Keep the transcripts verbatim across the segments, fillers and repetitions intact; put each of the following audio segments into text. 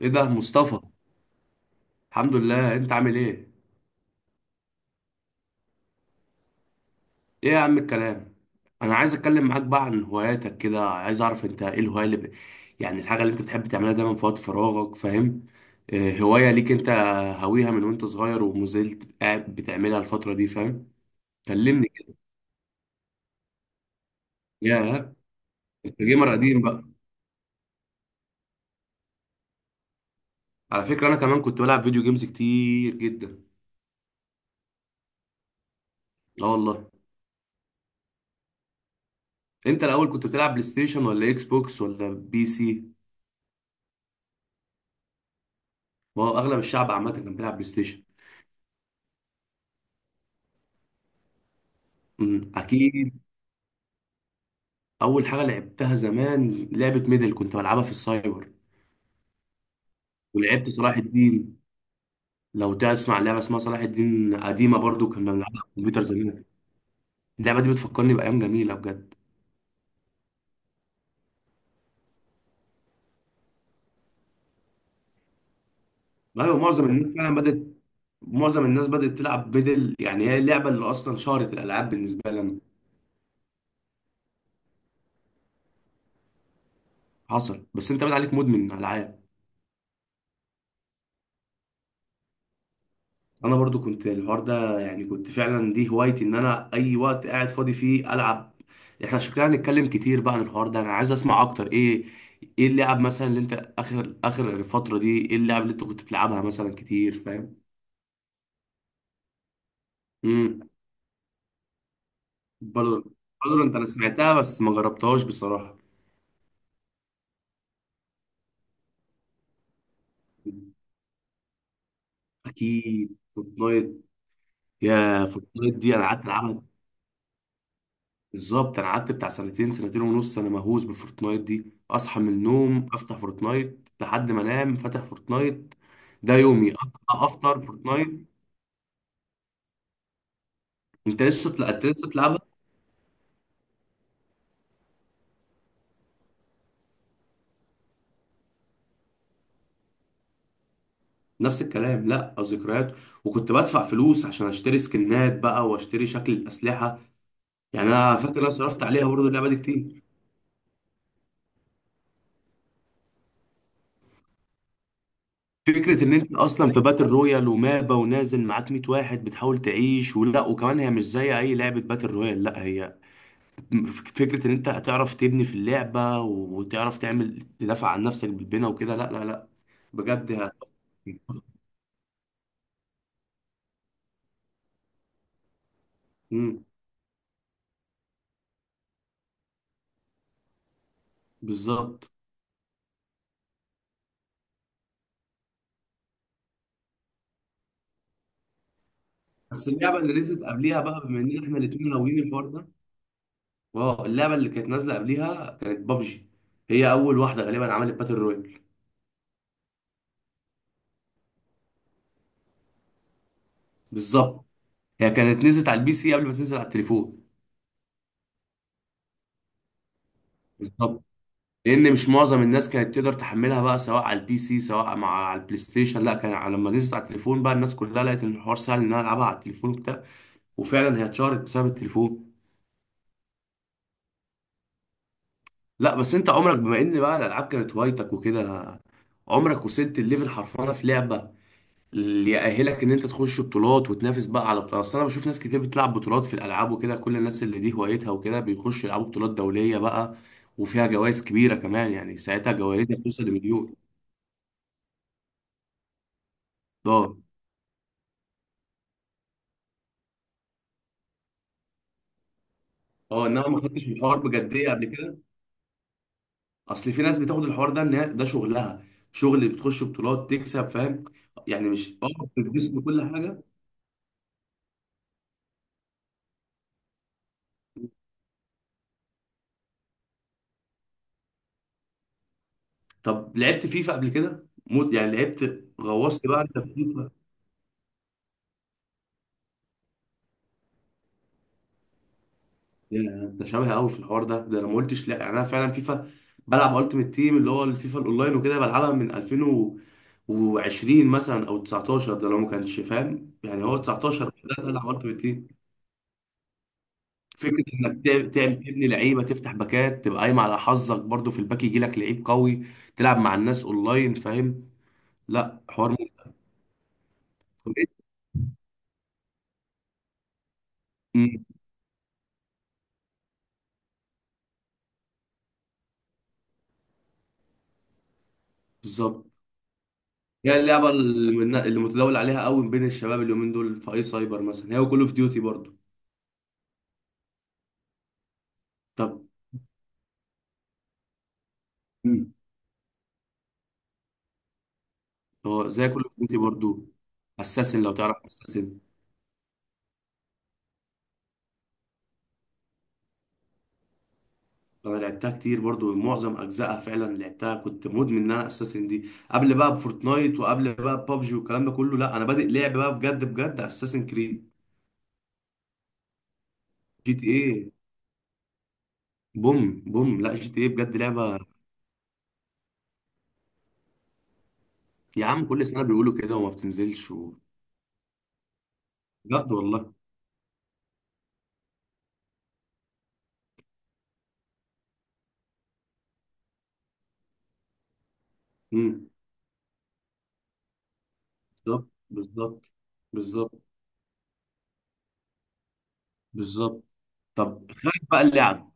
ايه ده مصطفى. الحمد لله، انت عامل ايه؟ ايه يا عم الكلام. انا عايز اتكلم معاك بقى عن هواياتك كده، عايز اعرف انت ايه الهوايه اللي ب... يعني الحاجه اللي انت بتحب تعملها دايما في وقت فراغك، فاهم؟ إيه هوايه ليك انت، هاويها من وانت صغير ومازلت قاعد بتعملها الفتره دي، فاهم؟ كلمني كده. يا، انت جيمر قديم بقى. على فكره انا كمان كنت بلعب فيديو جيمز كتير جدا. لا والله. انت الاول كنت بتلعب بلاي ستيشن ولا اكس بوكس ولا بي سي؟ ما هو اغلب الشعب عامه كان بيلعب بلاي ستيشن. امم اكيد. اول حاجه لعبتها زمان لعبه ميدل، كنت بلعبها في السايبر. ولعبت صلاح الدين، لو تسمع لعبه اسمها صلاح الدين، قديمه برضو كنا بنلعبها على الكمبيوتر زمان. اللعبه دي بتفكرني بايام جميله بجد. ايوه معظم الناس فعلا بدات، معظم الناس بدات تلعب ميدل، يعني هي اللعبه اللي اصلا شهرت الالعاب بالنسبه لنا. حصل، بس انت بقى عليك مدمن العاب. انا برضو كنت الحوار ده، يعني كنت فعلا دي هوايتي، ان انا اي وقت قاعد فاضي فيه العب. احنا شكلنا هنتكلم كتير بقى عن الحوار ده، انا عايز اسمع اكتر. ايه، ايه اللعب مثلا اللي انت، اخر اخر الفتره دي ايه اللعب اللي انت كنت بتلعبها مثلا كتير، فاهم؟ امم برضو. برضو انت انا سمعتها بس ما جربتهاش بصراحه. اكيد فورتنايت. يا، فورتنايت دي انا قعدت العبها. بالظبط، انا قعدت بتاع سنتين، سنتين ونص، انا مهووس بفورتنايت دي، اصحى من النوم افتح فورتنايت لحد ما انام فاتح فورتنايت. ده يومي، اصحى افطر فورتنايت. انت لسه تلع... انت لسه تلعبها؟ نفس الكلام، لا ذكريات. وكنت بدفع فلوس عشان اشتري سكنات بقى واشتري شكل الاسلحه. يعني انا فاكر انا صرفت عليها برضه اللعبه دي كتير. فكرة إن أنت أصلا في باتل رويال ومابا ونازل معاك مية واحد بتحاول تعيش ولا، وكمان هي مش زي أي لعبة باتل رويال، لا هي فكرة ان انت هتعرف تبني في اللعبة، وتعرف تعمل تدافع عن نفسك بالبناء وكده. لا لا لا بجد ه-. مم، بالظبط. بس اللعبة اللي نزلت قبليها بقى، بما اننا احنا الاتنين هاويين الحوار ده، اه اللعبة اللي كانت نازلة قبليها كانت بابجي، هي اول واحدة غالبا عملت باتل رويال. بالظبط. هي كانت نزلت على البي سي قبل ما تنزل على التليفون. بالظبط. لان مش معظم الناس كانت تقدر تحملها بقى سواء على البي سي سواء مع على البلاي ستيشن، لا كان على- لما نزلت على التليفون بقى الناس كلها لقت ان الحوار سهل ان انا العبها على التليفون وبتاع. وفعلا هي اتشهرت بسبب التليفون. لا بس انت عمرك، بما ان بقى الالعاب كانت هوايتك وكده، عمرك وصلت الليفل حرفانه في لعبه اللي يأهلك ان انت تخش بطولات وتنافس بقى على بطولات؟ اصل انا بشوف ناس كتير بتلعب بطولات في الالعاب وكده، كل الناس اللي دي هوايتها وكده بيخشوا يلعبوا بطولات دوليه بقى، وفيها جوائز كبيره كمان، يعني ساعتها جوائزها بتوصل لمليون. اه. اه، انما ما خدتش الحوار بجديه قبل كده. اصل في ناس بتاخد الحوار ده ان هي- ده شغلها، شغل، بتخش بطولات تكسب، فاهم؟ يعني مش اه بتدوس بكل حاجه. طب لعبت فيفا قبل كده؟ موت، يعني لعبت، غوصت بقى انت في فيفا؟ يا، انت شبه قوي في الحوار ده. ده انا ما قلتش لا، يعني انا فعلا فيفا، بلعب التيمت تيم اللي هو الفيفا الاونلاين وكده، بلعبها من ألفين وعشرين مثلا او تسعتاشر، ده لو ما كانش فاهم، يعني هو تسعتاشر بدات العب التيمت تيم. فكره انك تعمل تعمل- تبني لعيبه، تفتح باكات، تبقى قايم على حظك برضو في الباك يجي لك لعيب قوي، تلعب مع الناس اونلاين، فاهم؟ لا حوار ممتع. أمم، بالظبط. هي اللعبة اللي اللي متداول عليها قوي بين الشباب اليومين دول في أي سايبر مثلا، هي وكول أوف ديوتي برضو. طب، مم. هو زي كول أوف ديوتي برضو، أساسن، لو تعرف أساسن. أنا لعبتها كتير برضو، معظم أجزائها فعلا لعبتها، كنت مدمن إن أنا أساسن دي قبل بقى بفورتنايت وقبل بقى ببجي والكلام ده كله، لا أنا بادئ لعب بقى، بجد بجد أساسن كريد. جي تي إيه، بوم بوم، لا جي تي إيه بجد لعبة. يا عم كل سنة بيقولوا كده وما بتنزلش و... بجد والله؟ امم بالظبط بالظبط بالظبط، بالظبط. طب، خارج بقى اللعب،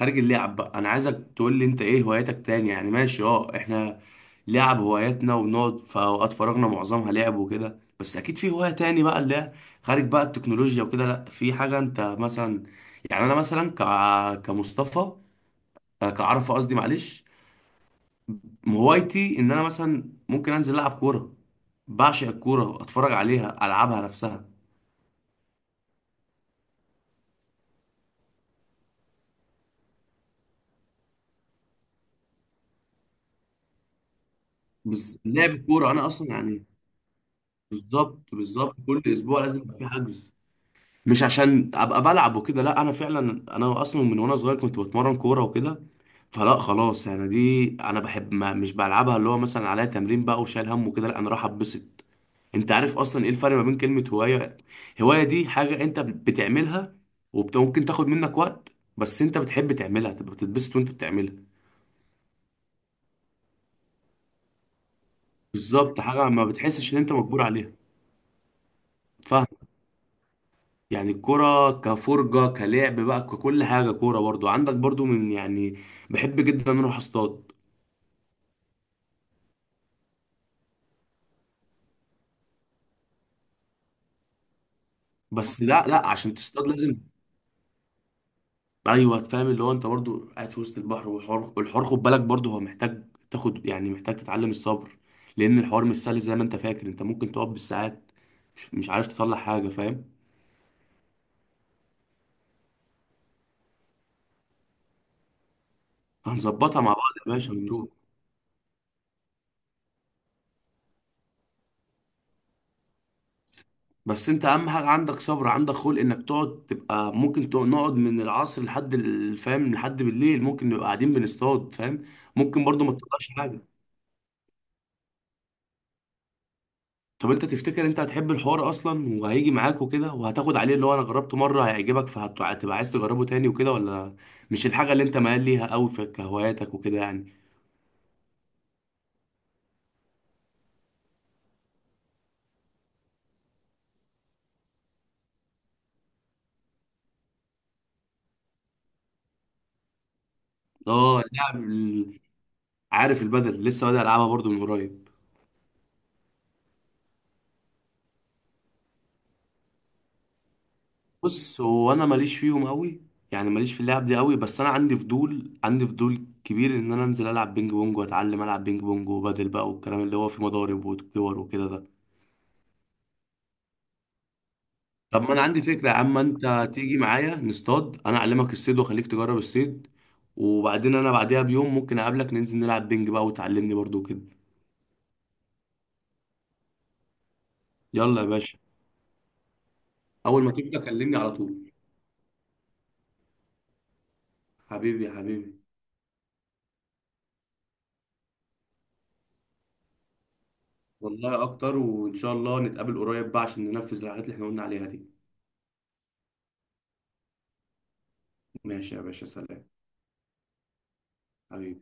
خارج اللعب بقى انا عايزك تقول لي انت ايه هواياتك تاني. يعني ماشي، اه احنا لعب هواياتنا وبنقعد في اوقات فراغنا معظمها لعب وكده، بس اكيد في هواية تاني بقى اللي هي خارج بقى التكنولوجيا وكده، لا في حاجة انت مثلا، يعني انا مثلا ك... كمصطفى، آه، كعرفة قصدي، معلش. هوايتي ان انا مثلا ممكن انزل العب كورة، بعشق الكورة، اتفرج عليها، العبها نفسها. بس لعب الكورة انا اصلا يعني بالظبط، بالظبط كل اسبوع لازم يبقى في حجز، مش عشان ابقى بلعب وكده، لا انا فعلا انا اصلا من وانا صغير كنت بتمرن كوره وكده، فلا خلاص انا دي انا بحب، ما مش بلعبها اللي هو مثلا عليها تمرين بقى وشايل هم وكده، لا انا راح اتبسط. انت عارف اصلا ايه الفرق ما بين كلمه هوايه؟ هوايه دي حاجه انت بتعملها وممكن تاخد منك وقت، بس انت بتحب تعملها تبقى بتتبسط وانت بتعملها. بالظبط، حاجه ما بتحسش ان انت مجبور عليها، فاهم؟ يعني الكرة كفرجة، كلعب بقى، ككل حاجة كورة، برضو عندك برضو من، يعني بحب جدا ان اروح اصطاد. بس لا لا، عشان تصطاد لازم، ايوه فاهم، اللي هو انت برضو قاعد في وسط البحر، والحوار والحوار، خد بالك برضو هو محتاج تاخد، يعني محتاج تتعلم الصبر، لان الحوار مش سهل زي ما انت فاكر، انت ممكن تقعد بالساعات مش مش عارف تطلع حاجه، فاهم؟ هنظبطها مع بعض يا باشا ونروح. بس انت اهم حاجه عندك صبر، عندك خلق انك تقعد، تبقى ممكن تقعد- نقعد من العصر لحد ال- فاهم، لحد بالليل ممكن نبقى قاعدين بنصطاد، فاهم؟ ممكن برضو ما تطلعش حاجه. طب انت تفتكر انت هتحب الحوار اصلا وهيجي معاك وكده، وهتاخد عليه اللي هو انا جربته مره هيعجبك، فهتبقى عايز تجربه تاني وكده، ولا مش الحاجه اللي انت ميال ليها قوي في كهواياتك وكده يعني؟ اه اللعب ال-، عارف البدل، لسه بادئ العبها برضو من قريب. بص هو انا ماليش فيهم قوي، يعني ماليش في اللعب دي قوي، بس انا عندي فضول، عندي فضول كبير ان انا انزل العب بينج بونج واتعلم العب بينج بونج وبدل بقى، والكلام اللي هو في مضارب وكور وكده ده. طب ما انا عندي فكره يا عم، انت تيجي معايا نصطاد، انا اعلمك الصيد واخليك تجرب الصيد، وبعدين انا بعديها بيوم ممكن اقابلك ننزل نلعب بينج بقى، وتعلمني برضو كده. يلا يا باشا، اول ما تبدا كلمني على طول. حبيبي يا حبيبي. والله اكتر، وان شاء الله نتقابل قريب بقى عشان ننفذ الحاجات اللي احنا قلنا عليها دي. ماشي يا باشا، سلام. حبيبي.